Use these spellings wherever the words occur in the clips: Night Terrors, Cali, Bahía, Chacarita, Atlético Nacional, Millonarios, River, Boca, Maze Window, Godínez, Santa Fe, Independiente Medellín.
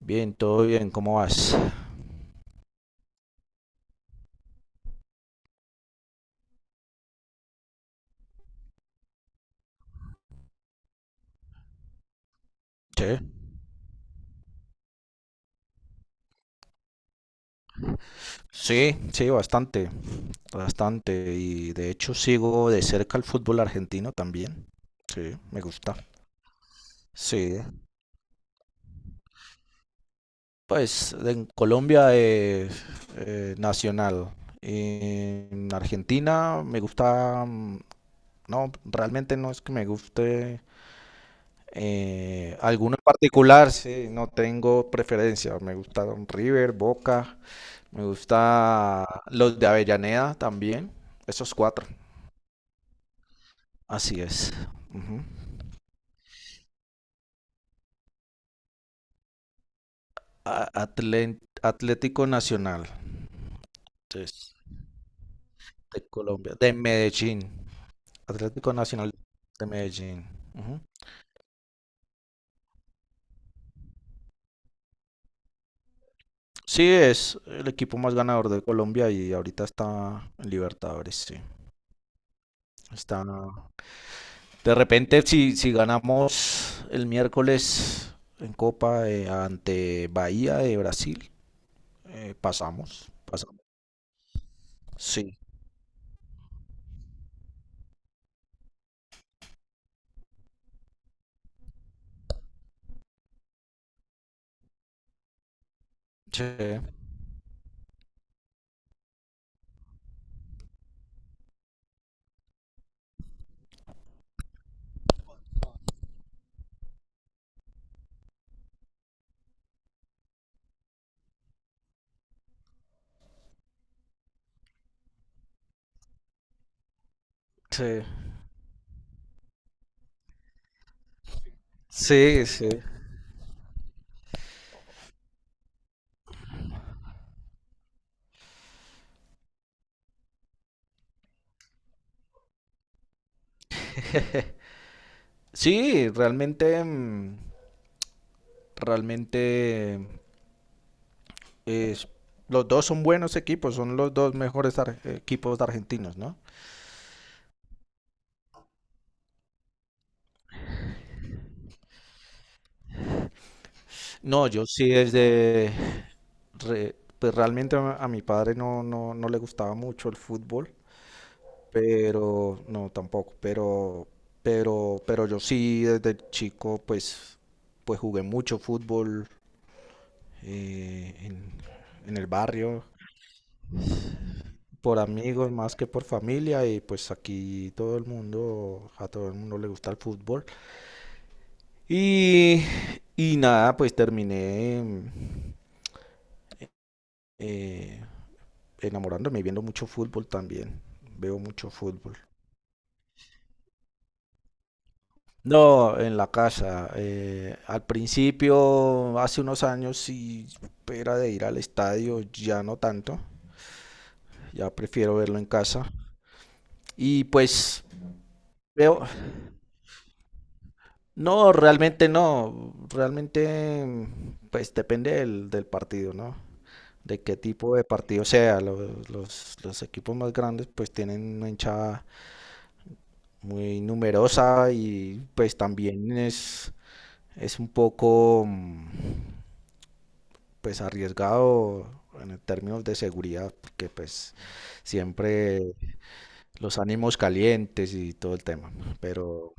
Bien, todo bien, ¿cómo vas? Sí, sí, bastante, bastante. Y de hecho sigo de cerca el fútbol argentino también. Sí, me gusta. Sí, pues en Colombia es Nacional. En Argentina me gusta, no, realmente no es que me guste alguno en particular, sí, no tengo preferencia. Me gusta River, Boca. Me gusta los de Avellaneda también. Esos cuatro. Así es. Ujú. Atlético Nacional. Entonces, de Colombia. De Medellín. Atlético Nacional de Medellín. Ujú. Sí, es el equipo más ganador de Colombia y ahorita está en Libertadores, sí. Está... De repente, si ganamos el miércoles en Copa ante Bahía de Brasil, pasamos. Sí. Sí, sí, sí, sí. Sí, realmente, realmente es- los dos son buenos equipos, son los dos mejores equipos argentinos, ¿no? No, yo sí desde, pues realmente a mi padre no le gustaba mucho el fútbol, pero no tampoco, pero yo sí desde chico pues jugué mucho fútbol eh, en, en el barrio, por amigos más que por familia y pues aquí todo el mundo, a todo el mundo le gusta el fútbol. Y, y nada, pues terminé eh, enamorándome y viendo mucho fútbol también. Veo mucho fútbol. No, en la casa. Al principio, hace unos años, sí era de ir al estadio, ya no tanto. Ya prefiero verlo en casa. Y pues veo. No, realmente no. Realmente, pues depende del partido, ¿no? De qué tipo de partido sea. Los equipos más grandes pues tienen una hinchada muy numerosa y pues también es un poco pues arriesgado en términos de seguridad, porque pues siempre los ánimos calientes y todo el tema, ¿no? Pero...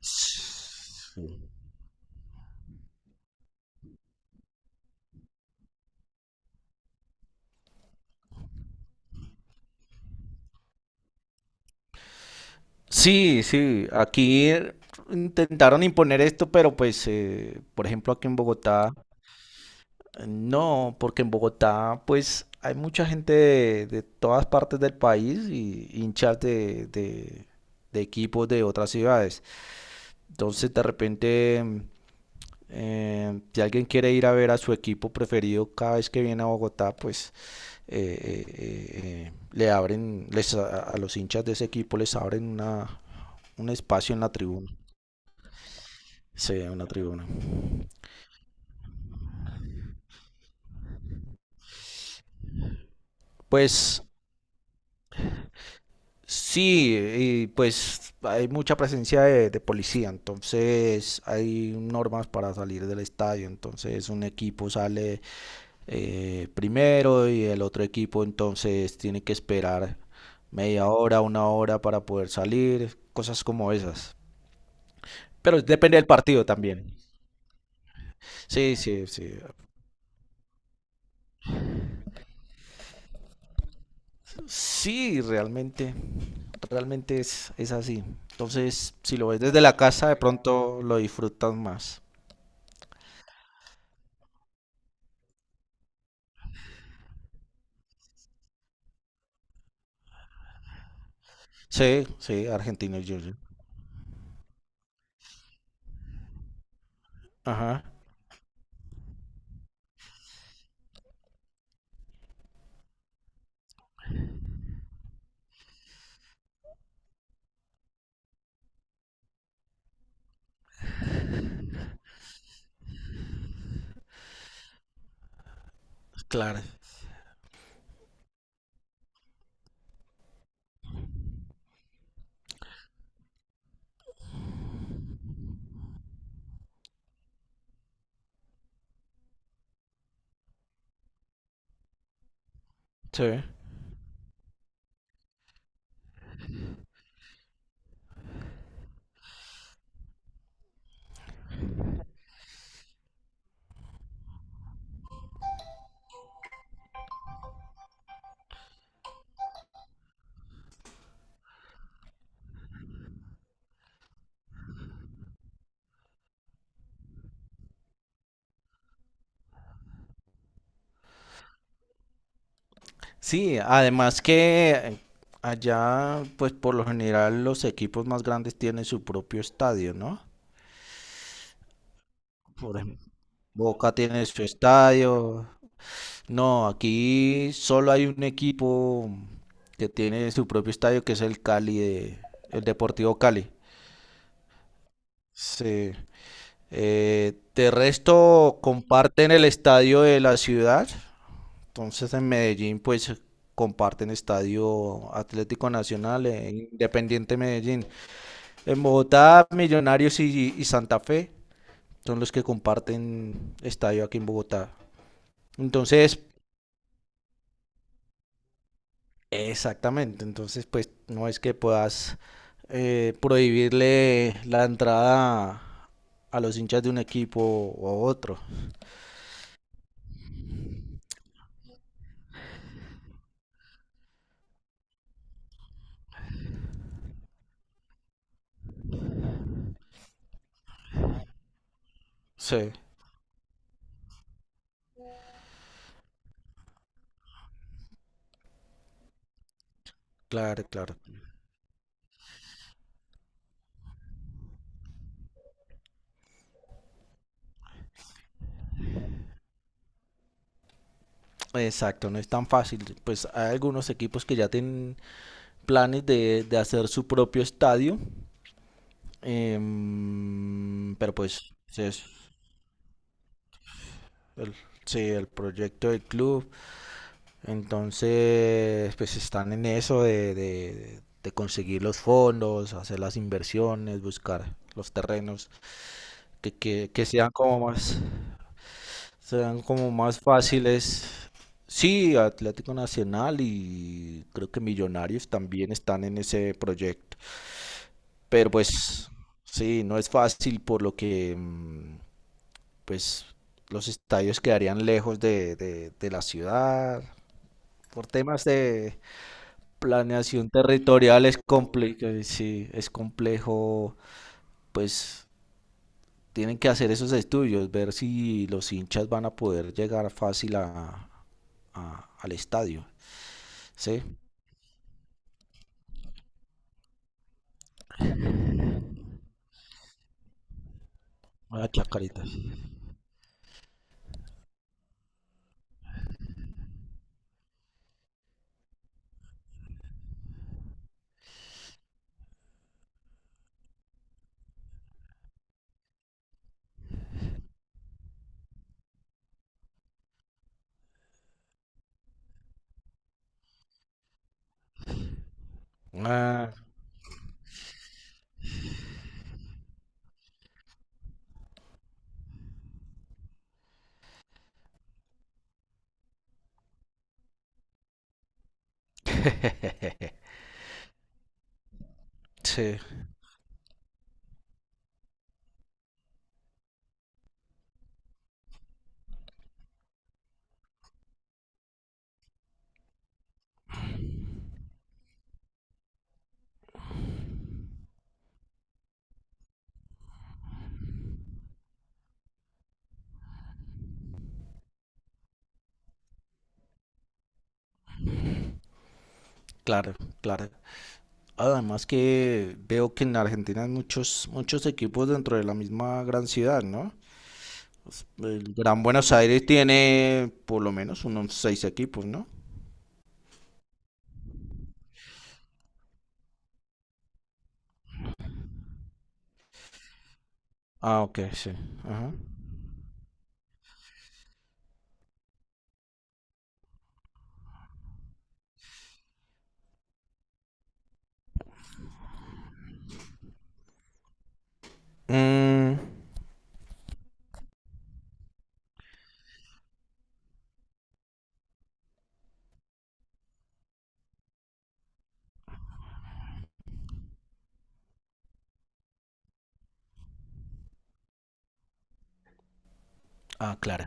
Sí. Sí, aquí intentaron imponer esto, pero pues, por ejemplo, aquí en Bogotá, no, porque en Bogotá, pues, hay mucha gente de todas partes del país y hinchas de equipos de otras ciudades. Entonces, de repente, si alguien quiere ir a ver a su equipo preferido cada vez que viene a Bogotá, pues, le abren, les, a los hinchas de ese equipo les abren una, un espacio en la tribuna. Sí, una tribuna. Pues sí, y pues hay mucha presencia de policía, entonces hay normas para salir del estadio, entonces un equipo sale primero y el otro equipo entonces tiene que esperar media hora, una hora para poder salir, cosas como esas. Pero depende del partido también. Sí, sí, sí. Sí, realmente, realmente es así. Entonces, si lo ves desde la casa, de pronto lo disfrutas más. Sí, sí, argentino y Georgia. Ajá, claro. Sí. Sí, además que allá, pues por lo general los equipos más grandes tienen su propio estadio, ¿no? Por ejemplo, Boca tiene su estadio. No, aquí solo hay un equipo que tiene su propio estadio, que es el Cali de, el Deportivo Cali. Sí. De resto, comparten el estadio de la ciudad. Entonces, en Medellín, pues comparten estadio Atlético Nacional e Independiente Medellín. En Bogotá, Millonarios y Santa Fe son los que comparten estadio aquí en Bogotá. Entonces, Exactamente. Entonces, pues no es que puedas prohibirle la entrada a los hinchas de un equipo o a otro. Sí, claro, claro. Exacto, no es tan fácil. Pues hay algunos equipos que ya tienen planes de hacer su propio estadio, pero pues sí es el, sí, el proyecto del club. Entonces, pues están en eso de conseguir los fondos, hacer las inversiones, buscar los terrenos que sean como más... Serán como más fáciles. Sí, Atlético Nacional y creo que Millonarios también están en ese proyecto. Pero pues sí, no es fácil por lo que pues los estadios quedarían lejos de la ciudad. Por temas de planeación territorial es complejo, sí, es complejo pues tienen que hacer esos estudios, ver si los hinchas van a poder llegar fácil a, al estadio, ¿sí? Ah, Chacarita. Ah, sí, claro, claro. Además que veo que en Argentina hay muchos, muchos equipos dentro de la misma gran ciudad, ¿no? Pues, el Gran Buenos Aires tiene por lo menos unos 6 equipos, ¿no? Ah, ok, sí. Ajá. Mm, ah, claro.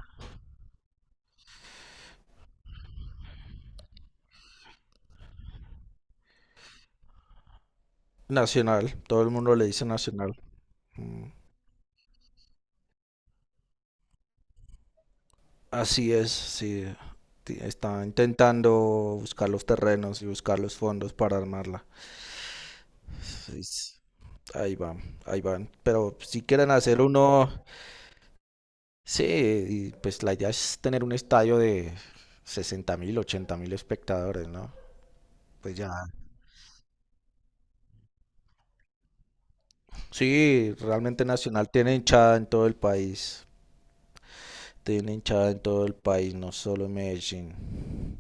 Nacional, todo el mundo le dice Nacional. Mm. Así es, sí. Está intentando buscar los terrenos y buscar los fondos para armarla. Es- Ahí van, ahí van. Pero si quieren hacer uno, sí, y pues la idea es tener un estadio de 60.000, 80.000 espectadores, ¿no? Pues ya. Sí, realmente Nacional tiene hinchada en todo el país. Tiene hinchada en todo el país, no solo en Medellín.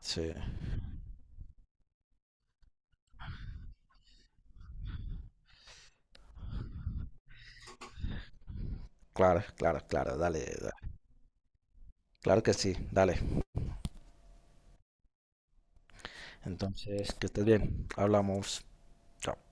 Sí, claro, claro, claro, dale, dale. Claro que sí, dale. Entonces, que estés bien. Hablamos. Chao.